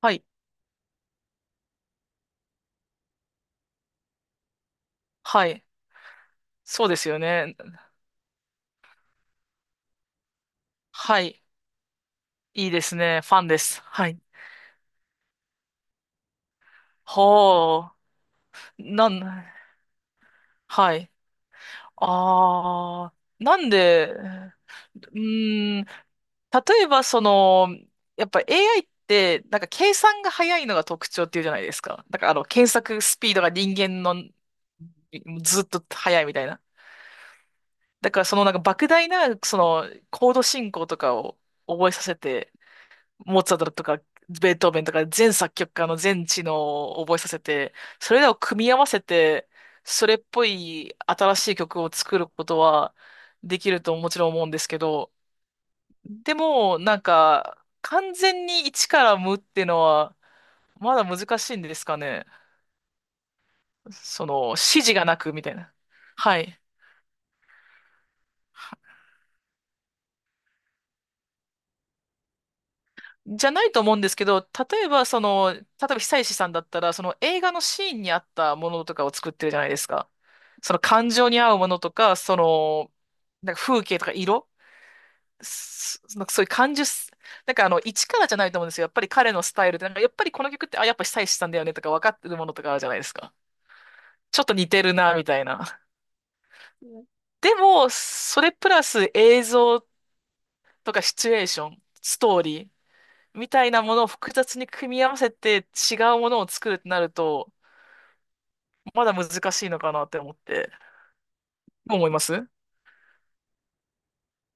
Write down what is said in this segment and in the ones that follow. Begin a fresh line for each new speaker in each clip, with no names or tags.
はい。はい。そうですよね。はい。いいですね。ファンです。はい。ほあ。なん、はい。ああ。なんで、例えばその、やっぱ AI って、なんか計算が早いのが特徴っていうじゃないですか。だから検索スピードが人間のずっと早いみたいな。だからそのなんか莫大な、その、コード進行とかを覚えさせて、モーツァルトとか、ベートーベンとか、全作曲家の全知能を覚えさせて、それらを組み合わせて、それっぽい新しい曲を作ることはできるともちろん思うんですけど、でも、なんか、完全に一から無っていうのは、まだ難しいんですかね。その、指示がなくみたいな。はい。じゃないと思うんですけど、例えばその、例えば久石さんだったら、その映画のシーンに合ったものとかを作ってるじゃないですか。その感情に合うものとか、その、なんか風景とか色、すそのそういう感受す、なんか一からじゃないと思うんですよ。やっぱり彼のスタイルで、なんかやっぱりこの曲って、あ、やっぱ久石さんだよねとか分かってるものとかあるじゃないですか。ちょっと似てるな、みたいな。うん、でも、それプラス映像とかシチュエーション、ストーリー。みたいなものを複雑に組み合わせて違うものを作るってなると、まだ難しいのかなって思って。どう思います？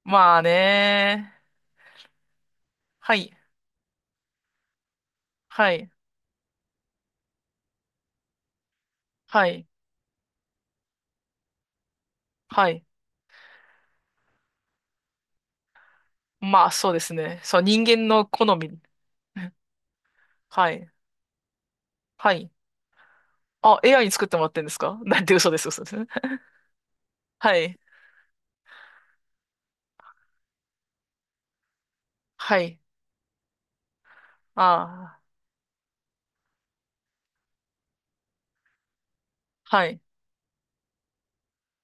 まあね。はい。はい。はい。はい。まあそうですね。そう、人間の好み。はい。はい。あ、AI に作ってもらってんですか？ なんて嘘です、嘘です。はい。はい。ああ。はい。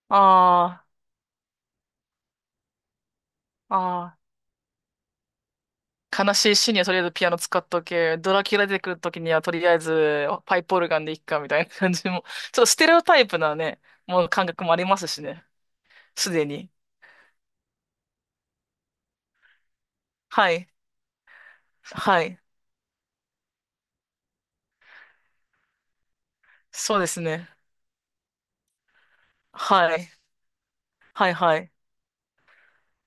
ああ。ああ。悲しいシーンにはとりあえずピアノ使っとけ。ドラキュラ出てくるときにはとりあえずパイプオルガンでいっかみたいな感じも。ちょっとステレオタイプなね、もう感覚もありますしね。すでに。はい。はい。そうですね。はい。はいはい。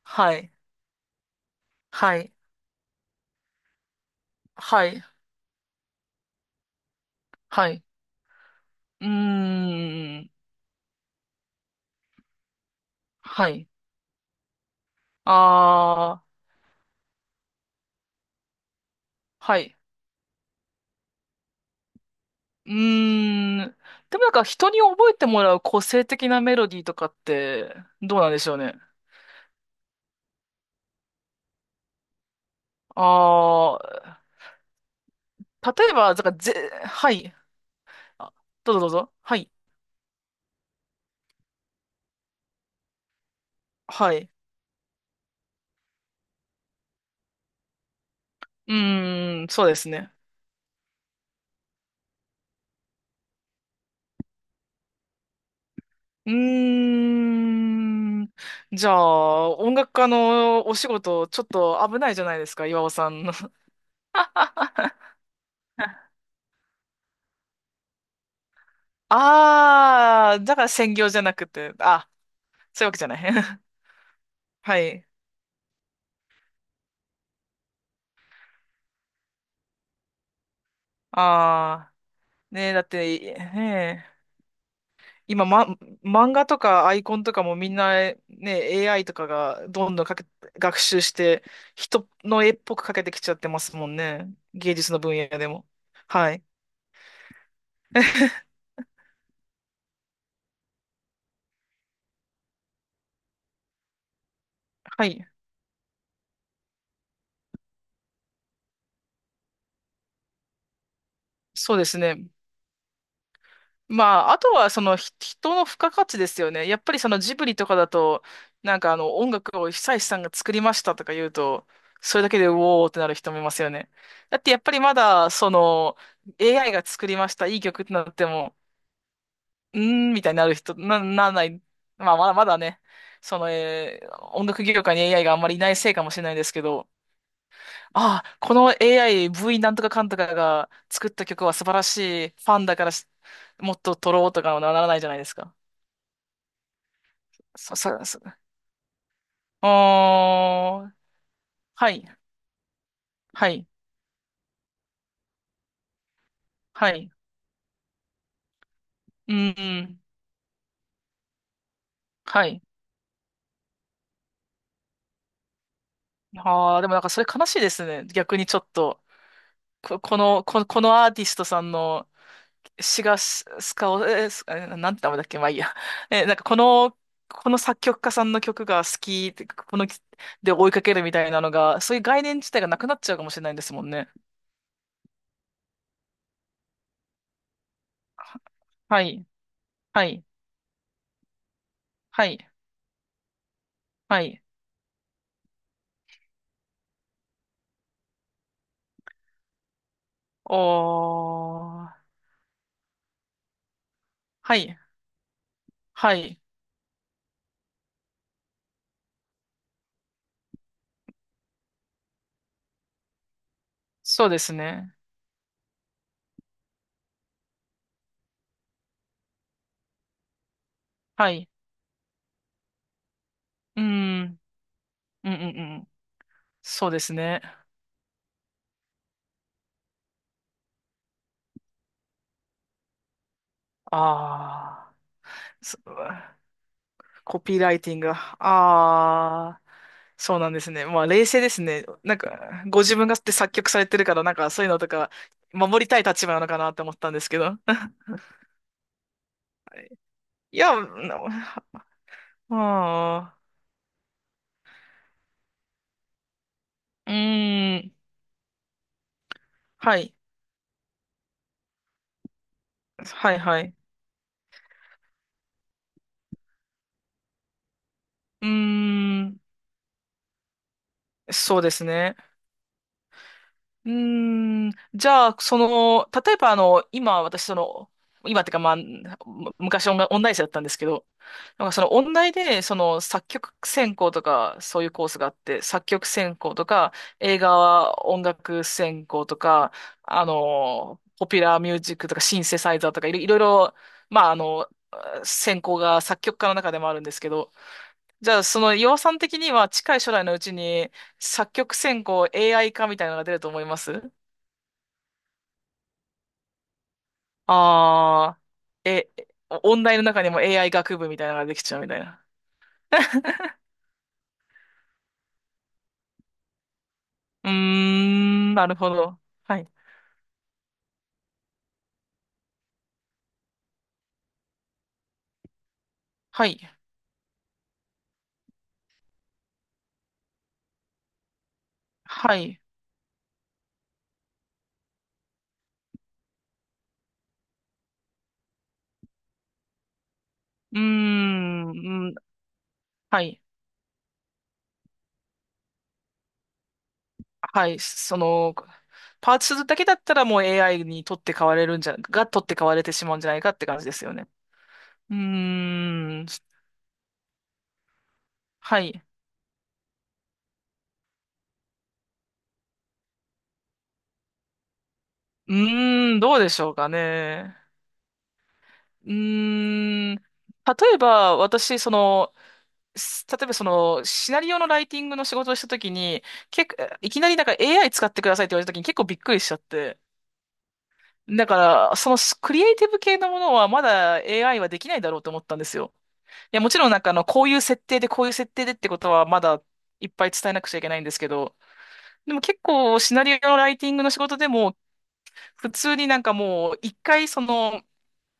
はい。はい。はい。はい。うーん。はい。あー。はい。うーん。でもなんか人に覚えてもらう個性的なメロディーとかってどうなんでしょうね。ああ、例えば、だからぜ、はい。あ、どうぞどうぞ。はい。はい。うーん、そうですね。うーん。じゃあ、音楽家のお仕事、ちょっと危ないじゃないですか、岩尾さんの。あー、だから専業じゃなくて、あ、そういうわけじゃない。はい。あー、ねえ、だって、ねえ、今、ま、漫画とかアイコンとかもみんなね、AI とかがどんどんかけ、学習して、人の絵っぽくかけてきちゃってますもんね。芸術の分野でも。はい。はい。そうですね。まあ、あとはその人の付加価値ですよね。やっぱりそのジブリとかだと、なんかあの音楽を久石さんが作りましたとか言うと、それだけでうおーってなる人もいますよね。だってやっぱりまだその AI が作りました、いい曲ってなっても、うーん、みたいになる人、ならない。まあ、まだまだね、その、音楽業界に AI があんまりいないせいかもしれないですけど、ああ、この AI、V なんとかかんとかが作った曲は素晴らしい、ファンだからしもっと撮ろうとかはならないじゃないですか。そ、そ、そ、あー、はい、はい、はい、うん、うん、はい。ああ、でもなんかそれ悲しいですね。逆にちょっと、このアーティストさんのシガス、カオ、えースえーなんて名前だっけ、まあいいや。なんかこの、作曲家さんの曲が好きって、で追いかけるみたいなのが、そういう概念自体がなくなっちゃうかもしれないんですもんね。はい、はい、はい、はい。おー、はい、はい。そうですね。はい。うーん、うん、うん、うん。そうですね。あー。そコピーライティングが。ああ、そうなんですね。まあ、冷静ですね。なんか、ご自分がって作曲されてるから、なんか、そういうのとか、守りたい立場なのかなって思ったんですけど。いや、まあ、うーん、はい、はい、はい。うーん、そうですね。うーん、じゃあ、その、例えば今私その、今ってかまあ、昔音楽、音大生だったんですけど、なんかその音大で、その作曲専攻とか、そういうコースがあって、作曲専攻とか、映画音楽専攻とか、ポピュラーミュージックとか、シンセサイザーとか、いろいろいろ、まあ専攻が作曲家の中でもあるんですけど、じゃあその岩尾さん的には近い将来のうちに作曲専攻 AI 化みたいなのが出ると思います。ああ、え、お音大の中にも AI 学部みたいなのができちゃうみたいな。うーん、なるほど。はい。はい。はい。うーん、うん、はい。はい。その、パーツするだけだったらもう AI に取って代われるんじゃ、が取って代われてしまうんじゃないかって感じですよね。うーん、はい。うーん、どうでしょうかね。うーん、例えば私、その、例えばその、シナリオのライティングの仕事をしたときに、結構、いきなりなんか AI 使ってくださいって言われたときに結構びっくりしちゃって。だから、そのクリエイティブ系のものはまだ AI はできないだろうと思ったんですよ。いや、もちろんなんかこういう設定でこういう設定でってことはまだいっぱい伝えなくちゃいけないんですけど、でも結構シナリオのライティングの仕事でも、普通になんかもう一回その、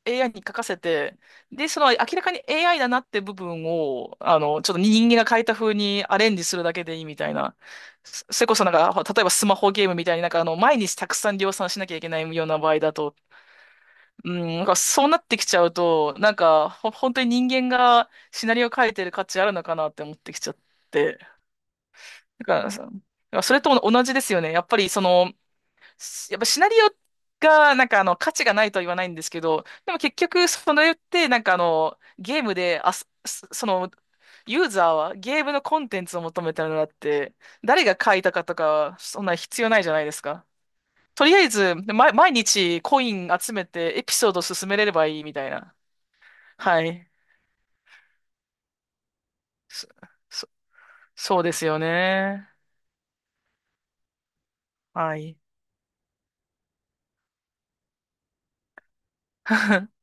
AI に書かせて、で、その明らかに AI だなって部分を、あの、ちょっと人間が書いた風にアレンジするだけでいいみたいな。それこそなんか、例えばスマホゲームみたいになんか毎日たくさん量産しなきゃいけないような場合だと、うん、なんかそうなってきちゃうと、なんか、本当に人間がシナリオ書いてる価値あるのかなって思ってきちゃって。だからそれと同じですよね。やっぱりその、やっぱシナリオが、なんか価値がないとは言わないんですけど、でも結局、それって、なんかゲームで、あ、その、ユーザーはゲームのコンテンツを求めてるのだって、誰が書いたかとか、そんな必要ないじゃないですか。とりあえず、ま、毎日コイン集めてエピソード進めれればいいみたいな。はい。そ、そ、そうですよね。はい。